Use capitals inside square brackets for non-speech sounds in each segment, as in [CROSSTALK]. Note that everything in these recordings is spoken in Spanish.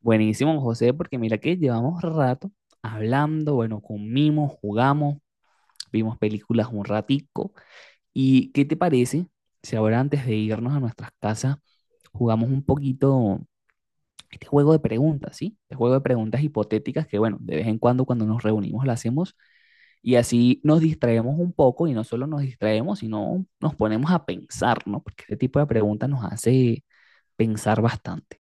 Buenísimo, José, porque mira que llevamos rato hablando, bueno, comimos, jugamos, vimos películas un ratico. ¿Y qué te parece si ahora antes de irnos a nuestras casas jugamos un poquito este juego de preguntas? ¿Sí? Este juego de preguntas hipotéticas que, bueno, de vez en cuando nos reunimos lo hacemos y así nos distraemos un poco y no solo nos distraemos, sino nos ponemos a pensar, ¿no? Porque este tipo de preguntas nos hace pensar bastante.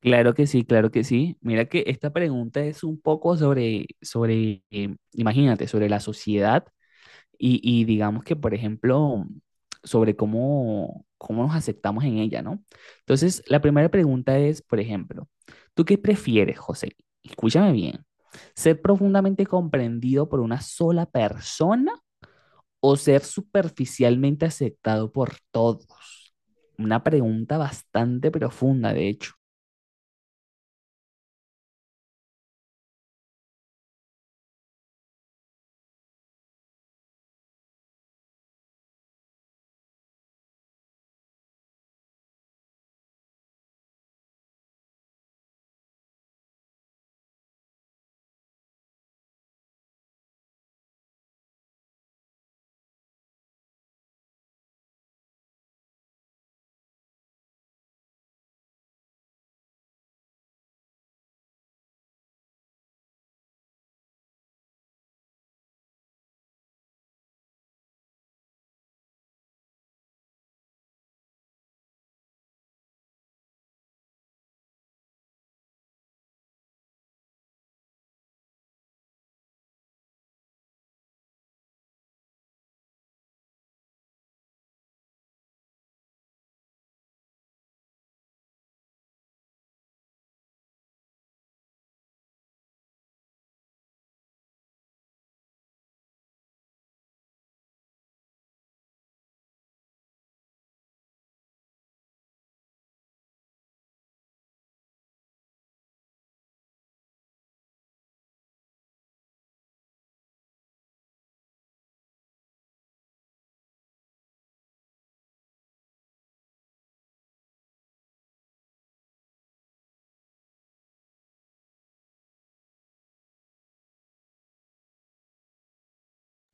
Claro que sí, claro que sí. Mira que esta pregunta es un poco imagínate, sobre la sociedad y digamos que, por ejemplo, sobre cómo nos aceptamos en ella, ¿no? Entonces, la primera pregunta es, por ejemplo, ¿tú qué prefieres, José? Escúchame bien. ¿Ser profundamente comprendido por una sola persona o ser superficialmente aceptado por todos? Una pregunta bastante profunda, de hecho.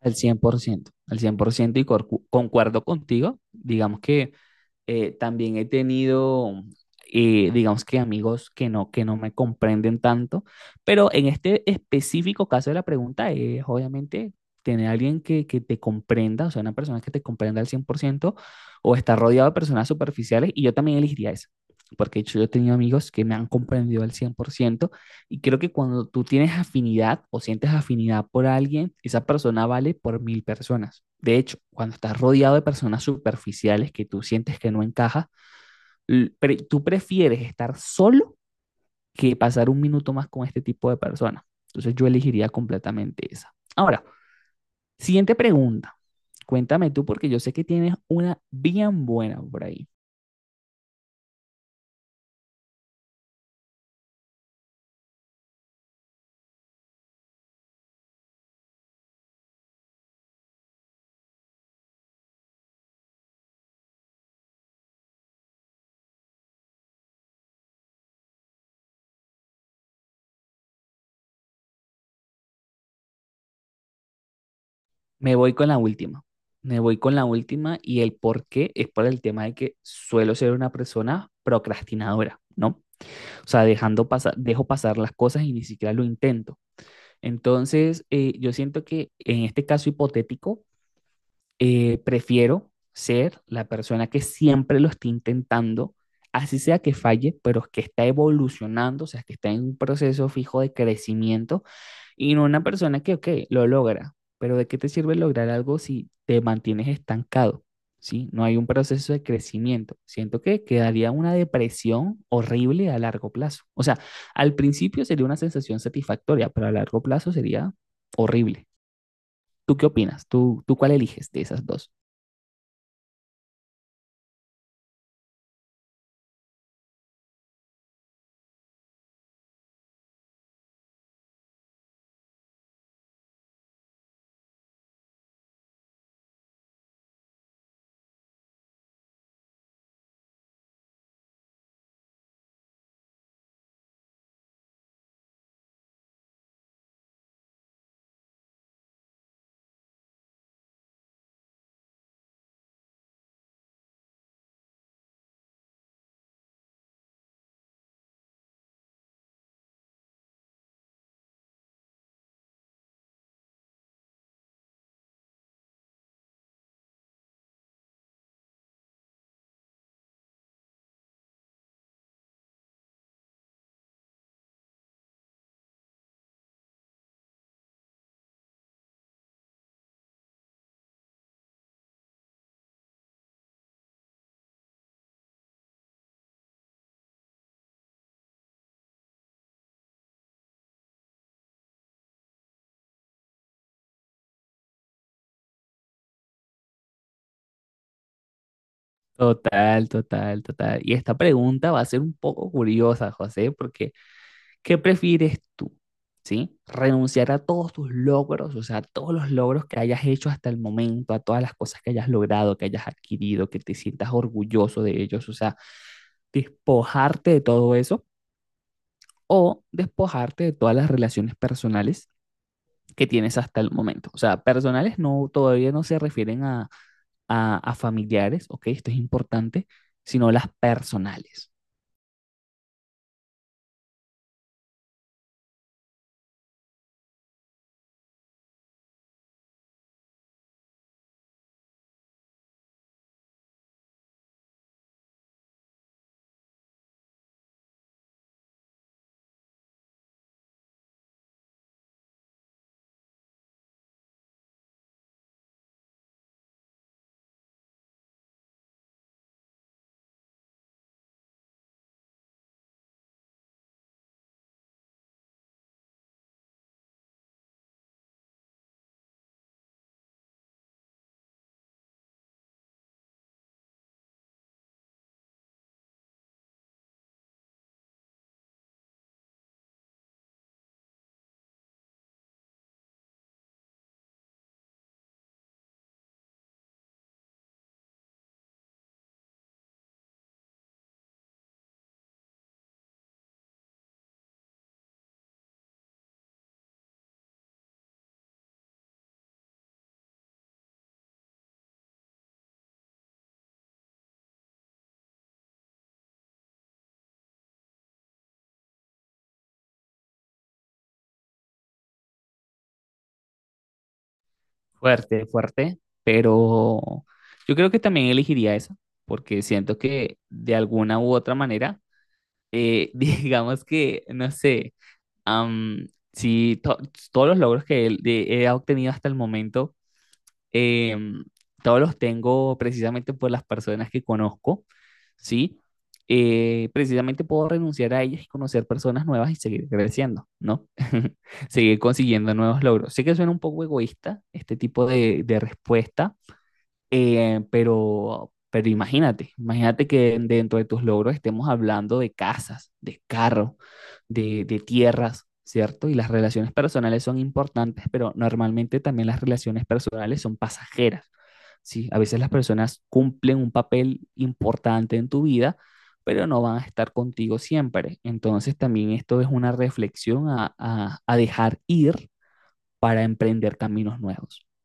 Al 100%, al 100% y concuerdo contigo. Digamos que también he tenido, digamos que amigos que no me comprenden tanto, pero en este específico caso de la pregunta es obviamente tener a alguien que te comprenda, o sea, una persona que te comprenda al 100%, o estar rodeado de personas superficiales y yo también elegiría eso, porque de hecho yo he tenido amigos que me han comprendido al 100%. Y creo que cuando tú tienes afinidad o sientes afinidad por alguien, esa persona vale por 1.000 personas. De hecho, cuando estás rodeado de personas superficiales que tú sientes que no encaja, tú prefieres estar solo que pasar un minuto más con este tipo de personas. Entonces yo elegiría completamente esa. Ahora, siguiente pregunta. Cuéntame tú porque yo sé que tienes una bien buena por ahí. Me voy con la última. Me voy con la última y el por qué es por el tema de que suelo ser una persona procrastinadora, ¿no? O sea, dejando pasar, dejo pasar las cosas y ni siquiera lo intento. Entonces, yo siento que en este caso hipotético, prefiero ser la persona que siempre lo esté intentando, así sea que falle, pero que está evolucionando, o sea, que está en un proceso fijo de crecimiento y no una persona que, ok, lo logra, pero ¿de qué te sirve lograr algo si te mantienes estancado? ¿Sí? No hay un proceso de crecimiento. Siento que quedaría una depresión horrible a largo plazo. O sea, al principio sería una sensación satisfactoria, pero a largo plazo sería horrible. ¿Tú qué opinas? ¿Tú cuál eliges de esas dos? Total, total, total. Y esta pregunta va a ser un poco curiosa, José, porque ¿qué prefieres tú? ¿Sí? ¿Renunciar a todos tus logros, o sea, a todos los logros que hayas hecho hasta el momento, a todas las cosas que hayas logrado, que hayas adquirido, que te sientas orgulloso de ellos, o sea, despojarte de todo eso o despojarte de todas las relaciones personales que tienes hasta el momento? O sea, personales no, todavía no se refieren a, a familiares, ¿ok? Esto es importante, sino las personales. Fuerte, fuerte, pero yo creo que también elegiría esa, porque siento que de alguna u otra manera, [LAUGHS] digamos que, no sé, am, si to- todos los logros que he obtenido hasta el momento. Em, Todos los tengo precisamente por las personas que conozco, ¿sí? Precisamente puedo renunciar a ellas y conocer personas nuevas y seguir creciendo, ¿no? [LAUGHS] Seguir consiguiendo nuevos logros. Sé que suena un poco egoísta este tipo de respuesta, pero, imagínate, imagínate que dentro de tus logros estemos hablando de casas, de carros, de tierras, ¿cierto? Y las relaciones personales son importantes, pero normalmente también las relaciones personales son pasajeras, ¿sí? A veces las personas cumplen un papel importante en tu vida, pero no van a estar contigo siempre. Entonces también esto es una reflexión a, a dejar ir para emprender caminos nuevos.